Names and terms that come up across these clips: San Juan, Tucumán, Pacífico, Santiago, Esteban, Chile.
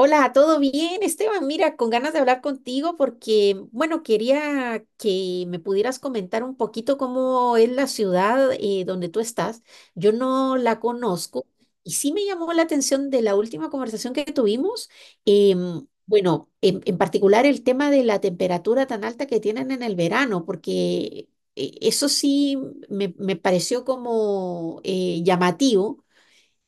Hola, ¿todo bien, Esteban? Mira, con ganas de hablar contigo porque, bueno, quería que me pudieras comentar un poquito cómo es la ciudad donde tú estás. Yo no la conozco y sí me llamó la atención de la última conversación que tuvimos. Bueno, en particular el tema de la temperatura tan alta que tienen en el verano, porque eso sí me pareció como llamativo.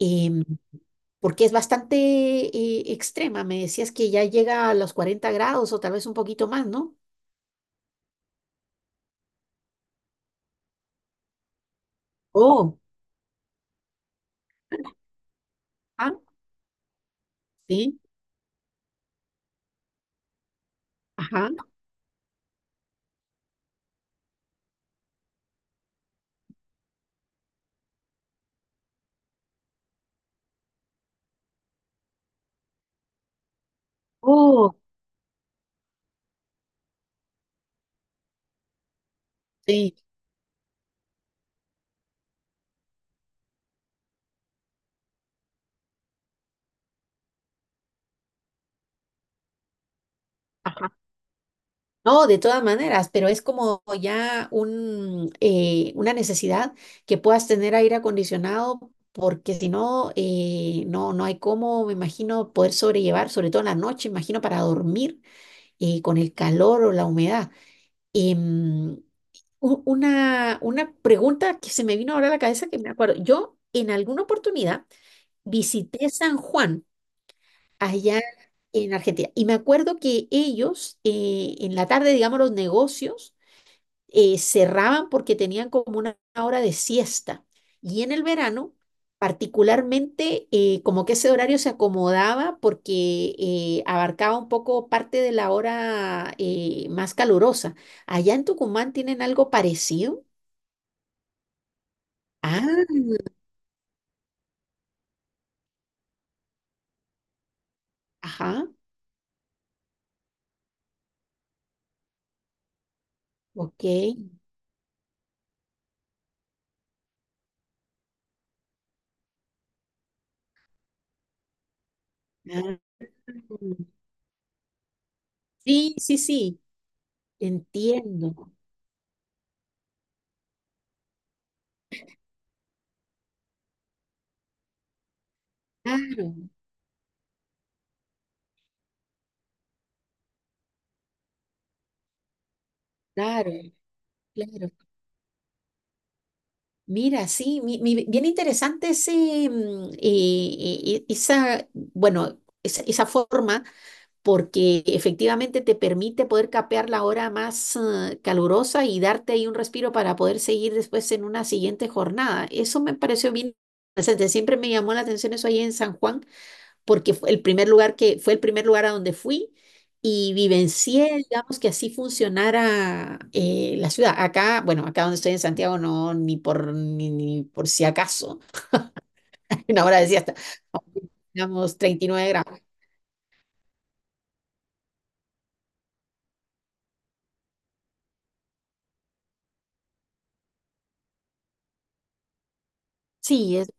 em, Porque es bastante extrema. Me decías que ya llega a los 40 grados o tal vez un poquito más, ¿no? Oh, ah, sí, ajá, oh, sí, ajá. No, de todas maneras, pero es como ya una necesidad que puedas tener aire acondicionado, porque si no, no hay cómo, me imagino, poder sobrellevar, sobre todo en la noche, imagino, para dormir con el calor o la humedad. Em, una pregunta que se me vino ahora a la cabeza que me acuerdo. Yo en alguna oportunidad visité San Juan allá en Argentina y me acuerdo que ellos en la tarde, digamos, los negocios cerraban porque tenían como una hora de siesta y en el verano. Particularmente, como que ese horario se acomodaba porque abarcaba un poco parte de la hora más calurosa. ¿Allá en Tucumán tienen algo parecido? Ah, ajá, ok. Ah, sí, sí, sí, entiendo. Claro, claro, claro. Mira, sí, bien interesante ese, mm, esa, bueno, esa forma, porque efectivamente te permite poder capear la hora más calurosa y darte ahí un respiro para poder seguir después en una siguiente jornada. Eso me pareció bien interesante. Siempre me llamó la atención eso ahí en San Juan porque fue el primer lugar a donde fui y vivencié, digamos, que así funcionara la ciudad. Acá, bueno, acá donde estoy en Santiago, no, ni por si acaso, una hora decía hasta, digamos, 39 grados. Sí, es,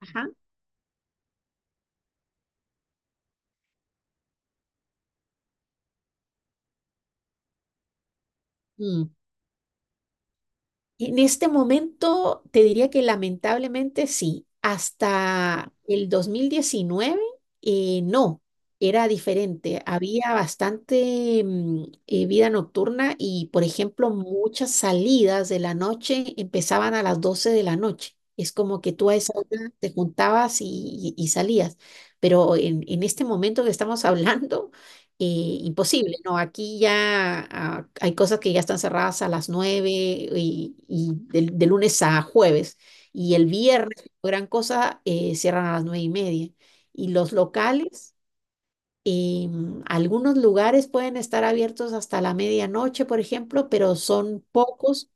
ajá. En este momento te diría que lamentablemente sí, hasta el 2019 no, era diferente, había bastante vida nocturna y por ejemplo muchas salidas de la noche empezaban a las 12 de la noche, es como que tú a esa hora te juntabas y salías, pero en este momento que estamos hablando eh, imposible, ¿no? Aquí ya ah, hay cosas que ya están cerradas a las 9 y de lunes a jueves. Y el viernes, gran cosa, cierran a las 9 y media. Y los locales, algunos lugares pueden estar abiertos hasta la medianoche, por ejemplo, pero son pocos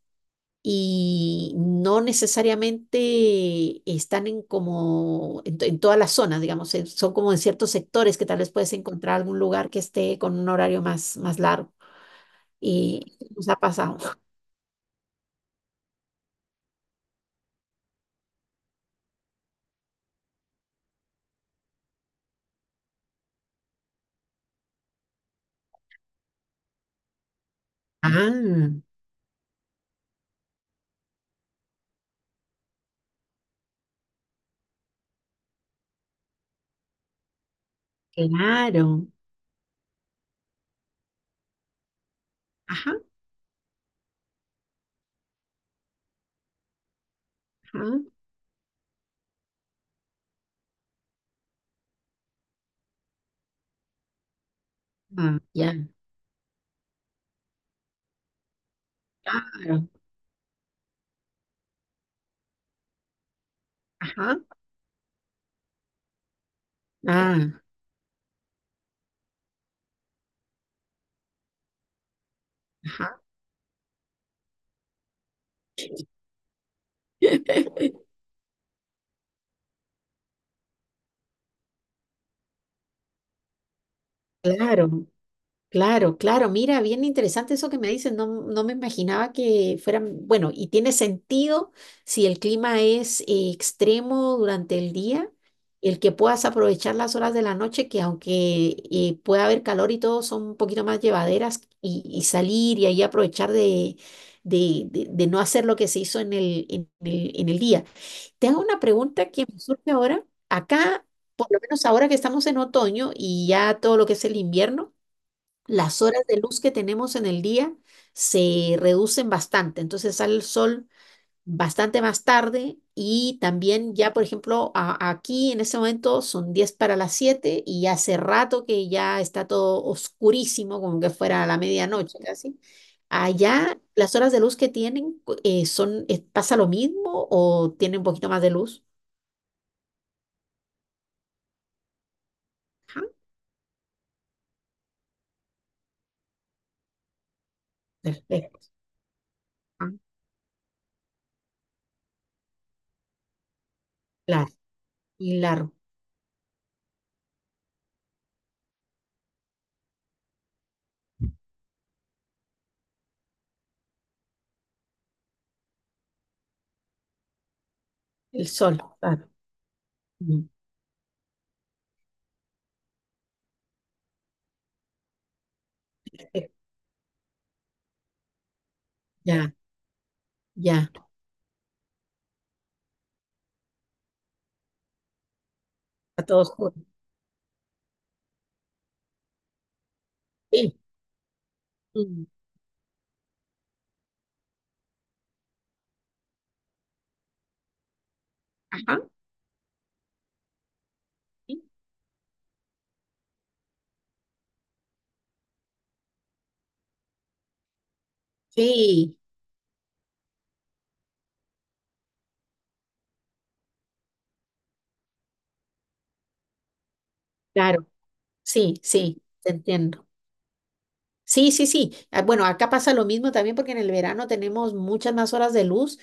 y no necesariamente están en como en, to- en todas las zonas, digamos, son como en ciertos sectores que tal vez puedes encontrar algún lugar que esté con un horario más largo. Y nos ha pasado. Ah, claro. Ajá, ajá, ah, ya, claro. Ajá, ah, ajá. Claro. Claro, claro, mira, bien interesante eso que me dices, no, no me imaginaba que fueran, bueno, y tiene sentido si el clima es extremo durante el día, el que puedas aprovechar las horas de la noche, que aunque pueda haber calor y todo, son un poquito más llevaderas y salir y ahí aprovechar de no hacer lo que se hizo en el día. Te hago una pregunta que me surge ahora, acá, por lo menos ahora que estamos en otoño y ya todo lo que es el invierno las horas de luz que tenemos en el día se reducen bastante. Entonces sale el sol bastante más tarde y también ya, por ejemplo, aquí en este momento son 10 para las 7 y ya hace rato que ya está todo oscurísimo, como que fuera a la medianoche casi. Allá las horas de luz que tienen ¿pasa lo mismo o tienen un poquito más de luz? Ajá, perfecto. Ah, claro, y largo, el sol, claro. Mm, perfecto. Ya, ya, a todos. Sí. Mm. Ajá. Sí, sí, claro. Sí, sí, te entiendo. Sí, sí, sí. Ah, bueno, acá pasa lo mismo también porque en el verano tenemos muchas más horas de luz.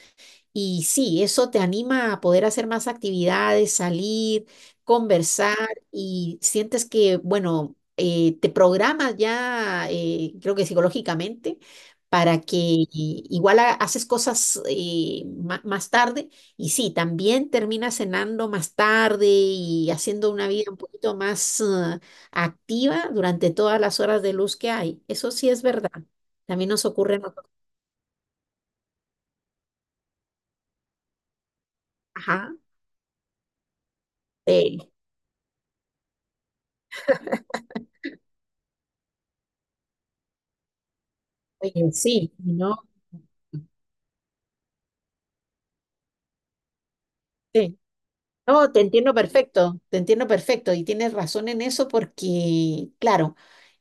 Y sí, eso te anima a poder hacer más actividades, salir, conversar y sientes que, bueno, te programas ya, creo que psicológicamente, para que i- igual haces cosas más tarde y sí, también terminas cenando más tarde y haciendo una vida un poquito más activa durante todas las horas de luz que hay. Eso sí es verdad. También nos ocurre a nosotros. Ajá. Sí. Oye, sí, y no, sí. No, te entiendo perfecto y tienes razón en eso porque, claro,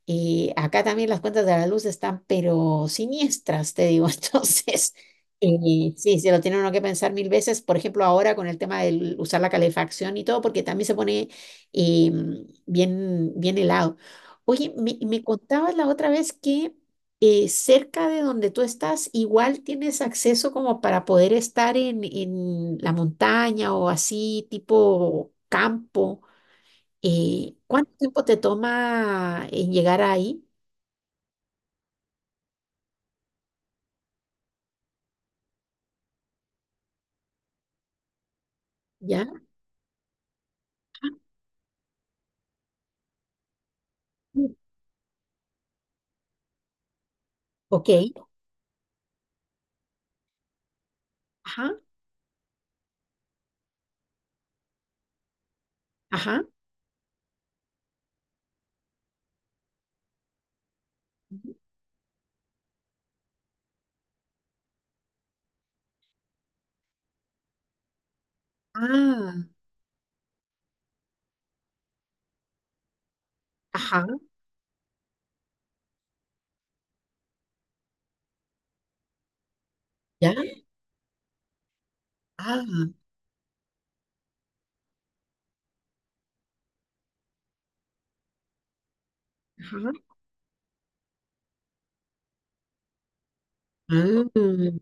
acá también las cuentas de la luz están pero siniestras, te digo, entonces, sí, se lo tiene uno que pensar 1000 veces, por ejemplo, ahora con el tema de usar la calefacción y todo, porque también se pone eh, bien, bien helado. Oye, me contabas la otra vez que cerca de donde tú estás, igual tienes acceso como para poder estar en la montaña o así, tipo campo. ¿Cuánto tiempo te toma en llegar ahí? ¿Ya? Ah, mm, ok. Ajá, ajá. Ah, ajá, ya. Ah, ajá. Mm,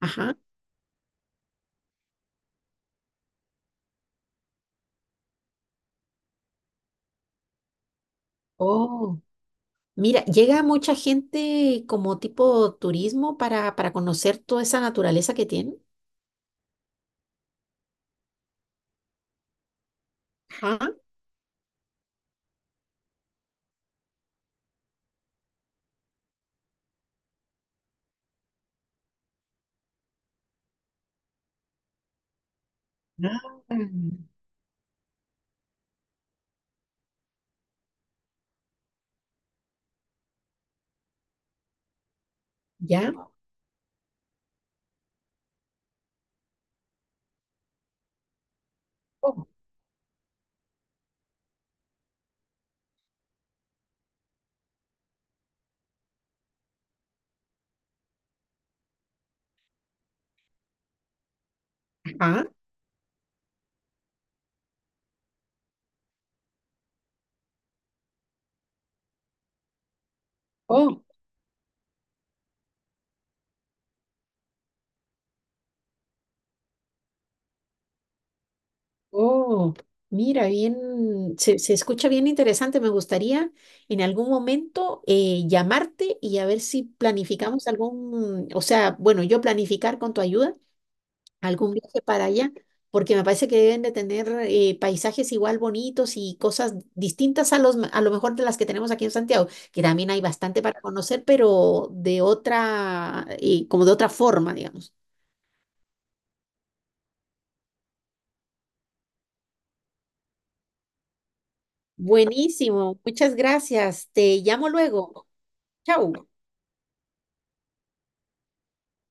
ajá. Oh. Mira, llega mucha gente como tipo turismo para conocer toda esa naturaleza que tienen. Ajá. Ah. Ya. Oh, ajá. Oh, oh. Mira, bien, se escucha bien interesante. Me gustaría en algún momento llamarte y a ver si planificamos algún, o sea, bueno, yo planificar con tu ayuda algún viaje para allá, porque me parece que deben de tener paisajes igual bonitos y cosas distintas a los, a lo mejor de las que tenemos aquí en Santiago, que también hay bastante para conocer, pero de otra, como de otra forma, digamos. Buenísimo, muchas gracias. Te llamo luego. Chau.